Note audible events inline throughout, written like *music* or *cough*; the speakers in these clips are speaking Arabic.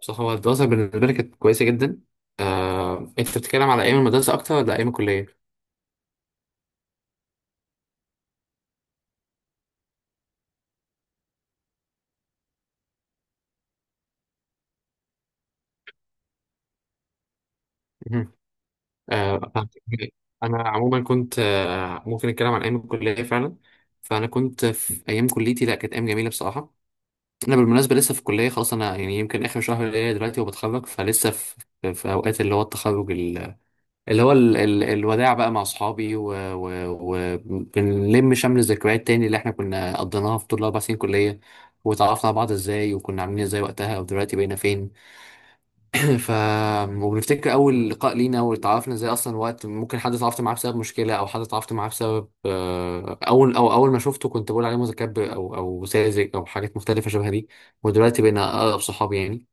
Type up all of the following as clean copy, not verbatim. بص هو الدراسة بالنسبة لي كانت كويسة جدا. أنت بتتكلم على أيام المدرسة أكتر ولا أيام الكلية؟ مهم. فهمتك. أنا عموما كنت ممكن أتكلم عن أيام الكلية فعلا. فأنا كنت في أيام كليتي، لا كانت أيام جميلة بصراحة. أنا بالمناسبة لسه في الكلية، خلاص أنا يعني يمكن آخر شهر ليا دلوقتي وبتخرج، فلسه في في أوقات اللي هو التخرج، اللي هو ال الوداع بقى مع اصحابي، وبنلم شمل الذكريات تاني اللي احنا كنا قضيناها في طول الاربع سنين كليه، وتعرفنا على بعض ازاي وكنا عاملين ازاي وقتها ودلوقتي بقينا فين. *clears throat* ف وبنفتكر اول لقاء لينا واتعرفنا ازاي اصلا، وقت ممكن حد اتعرفت معاه بسبب مشكله او حد اتعرفت معاه بسبب اول او اول ما شفته كنت بقول عليه متكبر او ساذج او حاجات مختلفه شبه دي. ودلوقتي بقينا اقرب صحاب يعني.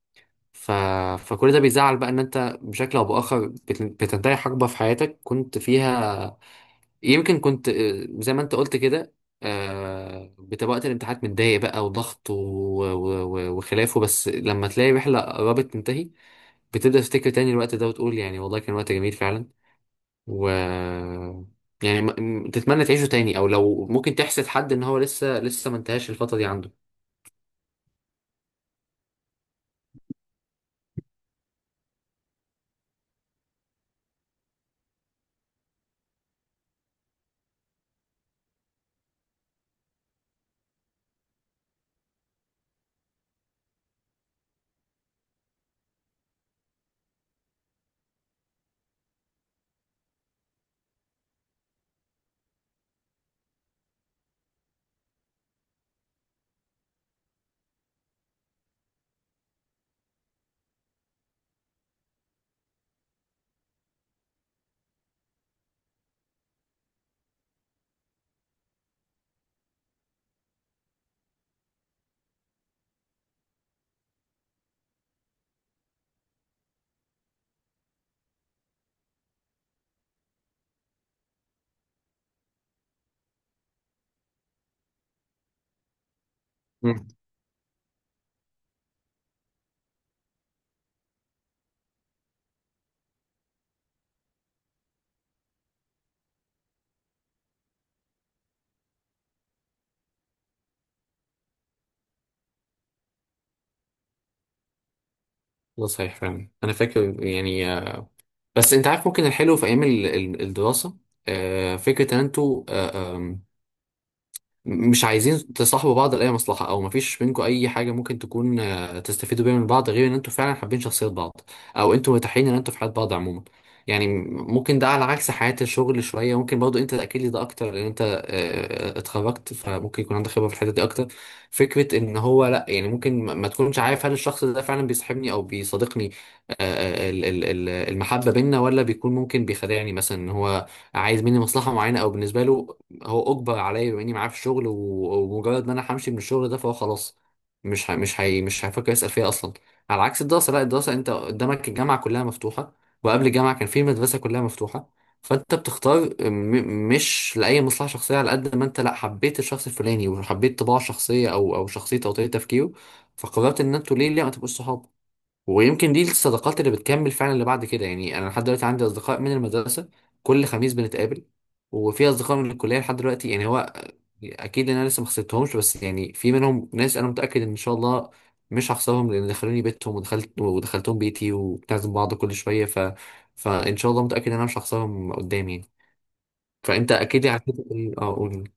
ف... فكل ده بيزعل بقى ان انت بشكل او باخر بتنتهي حقبه في حياتك كنت فيها. يمكن كنت زي ما انت قلت كده، بتبقى وقت الامتحانات متضايق بقى وضغط وخلافه، بس لما تلاقي رحله قربت تنتهي بتبدا تفتكر تاني الوقت ده وتقول يعني والله كان وقت جميل فعلا. و يعني م... م- تتمنى تعيشه تاني او لو ممكن تحسد حد ان هو لسه ما انتهاش الفتره دي عنده. مم. ده صحيح فعلا انا فاكر يعني. بس انت عارف ممكن الحلو في ايام الدراسه، فكره ان انتوا آه، آم، مش عايزين تصاحبوا بعض لأي مصلحة، أو مفيش بينكم أي حاجة ممكن تكون تستفيدوا بيها من بعض، غير إن أنتوا فعلا حابين شخصيات بعض، أو أنتوا متاحين إن أنتوا في حياة بعض عموما. يعني ممكن ده على عكس حياة الشغل شوية، ممكن برضو أنت تأكد لي ده أكتر لأن أنت اتخرجت فممكن يكون عندك خبرة في الحتة دي أكتر. فكرة إن هو لأ، يعني ممكن ما تكونش عارف هل الشخص ده فعلا بيصاحبني أو بيصادقني المحبة بينا، ولا بيكون ممكن بيخدعني مثلا إن هو عايز مني مصلحة معينة، أو بالنسبة له هو اجبر عليا بما اني معاه في الشغل ومجرد ما انا همشي من الشغل ده فهو خلاص مش ه... مش هي... مش هيفكر يسأل فيها اصلا. على عكس الدراسه، لا الدراسه انت قدامك الجامعه كلها مفتوحه، وقبل الجامعه كان في المدرسه كلها مفتوحه، فانت بتختار مش لاي مصلحه شخصيه، على قد ما انت لا حبيت الشخص الفلاني وحبيت طباعه الشخصيه او شخصيته او طريقه تفكيره، فقررت ان انتوا ليه ما تبقوش صحاب. ويمكن دي الصداقات اللي بتكمل فعلا اللي بعد كده، يعني انا لحد دلوقتي عندي اصدقاء من المدرسه، كل خميس بنتقابل، وفي اصدقاء من الكليه لحد دلوقتي. يعني هو اكيد إن انا لسه ما خسرتهمش، بس يعني في منهم ناس انا متاكد ان شاء الله مش هخسرهم، لان دخلوني بيتهم ودخلتهم بيتي وبنعزم بعض كل شويه. فان شاء الله متاكد ان انا مش هخسرهم قدامي. فانت اكيد عديت قول.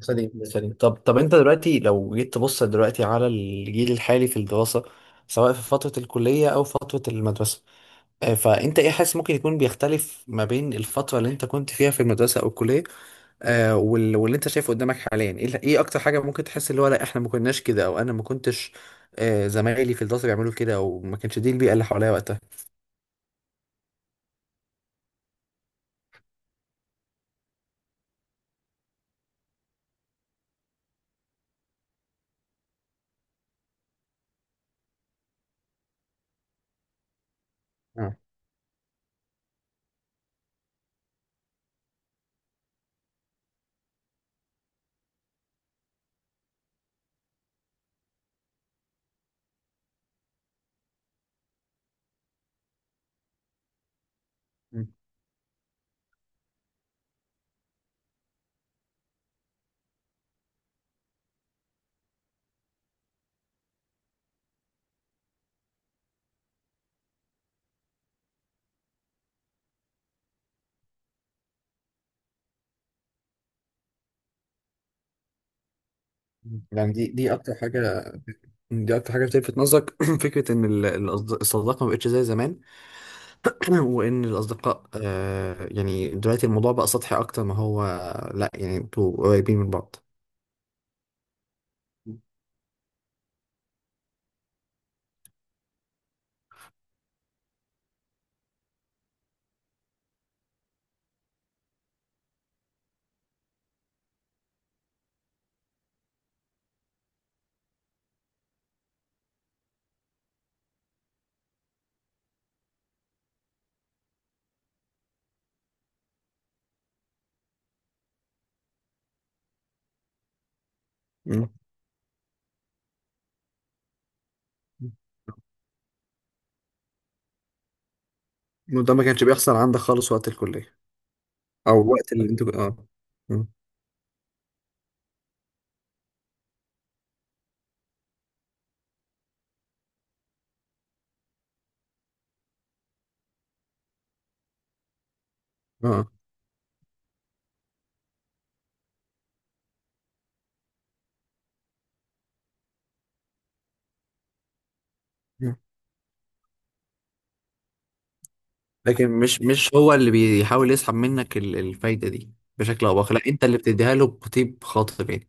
سليم سليم. طب انت دلوقتي لو جيت تبص دلوقتي على الجيل الحالي في الدراسة، سواء في فترة الكلية أو فترة المدرسة، فأنت إيه حاسس ممكن يكون بيختلف ما بين الفترة اللي أنت كنت فيها في المدرسة أو الكلية، واللي أنت شايفه قدامك حاليا؟ إيه إيه أكتر حاجة ممكن تحس اللي هو لا إحنا ما كناش كده، أو أنا ما كنتش زمايلي في الدراسة بيعملوا كده، أو ما كانش دي البيئة اللي حواليا وقتها. اه. م- م. يعني دي أكتر حاجة، دي أكتر حاجة بتلفت نظرك. *clears throat* فكرة إن الصداقة ما بقتش زي زمان. *clears throat* وان الاصدقاء آه يعني دلوقتي الموضوع بقى سطحي اكتر ما هو، لا يعني انتوا قريبين من بعض. مم. وده ما كانش بيحصل عندك خالص وقت الكلية او وقت اللي انتوا اه. مم. اه. مم. لكن مش هو اللي بيحاول يسحب منك الفايدة دي بشكل او باخر، لا انت اللي بتديها له بطيب خاطر يعني.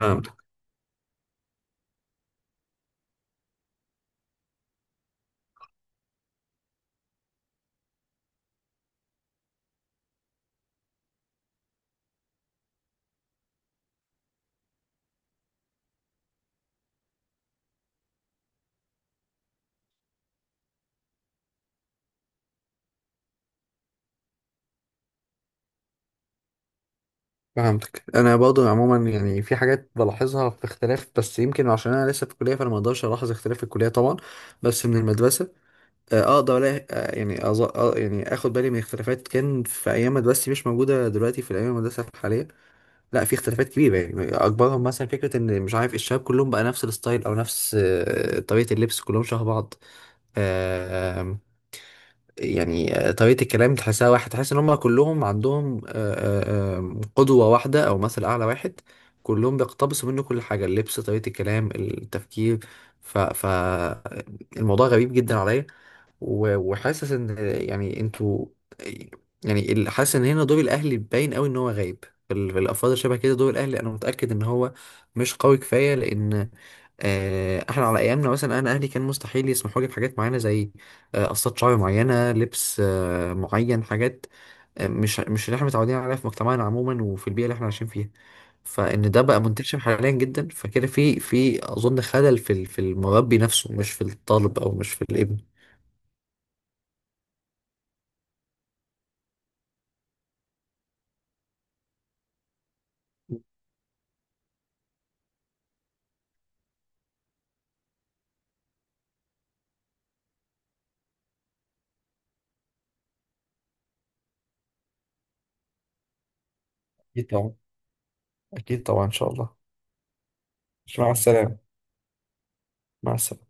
فهمتك. فهمتك. انا برضه عموما يعني في حاجات بلاحظها في اختلاف، بس يمكن عشان انا لسه في الكليه فانا ما اقدرش الاحظ اختلاف في الكليه طبعا، بس من المدرسه اقدر ألاقي- آه، يعني أظ... آه، يعني اخد بالي من اختلافات كان في ايام مدرستي مش موجوده دلوقتي في الايام المدرسه الحاليه. لا في اختلافات كبيره، يعني اكبرهم مثلا فكره ان مش عارف الشباب كلهم بقى نفس الستايل او نفس طريقه اللبس، كلهم شبه بعض. آه، آم، يعني طريقه الكلام تحسها واحد، تحس ان هم كلهم عندهم آه، آه، آم، قدوه واحده او مثل اعلى واحد، كلهم بيقتبسوا منه كل حاجه، اللبس طريقه الكلام التفكير. ف... ف الموضوع غريب جدا عليا. وحاسس ان يعني انتوا يعني حاسس ان هنا دور الاهلي باين قوي ان هو غايب في في الافراد شبه كده، دور الاهلي انا متاكد ان هو مش قوي كفايه، لان احنا على ايامنا مثلا انا اهلي كان مستحيل يسمحوا لي بحاجات معينه، زي قصات شعر معينه، لبس معين، حاجات مش اللي احنا متعودين عليها في مجتمعنا عموما وفي البيئه اللي احنا عايشين فيها. فان ده بقى منتشر حاليا جدا، فكده في في اظن خلل في في المربي نفسه، مش في الطالب او مش في الابن. أكيد طبعا إن شاء الله. مع السلامة. مع السلامة.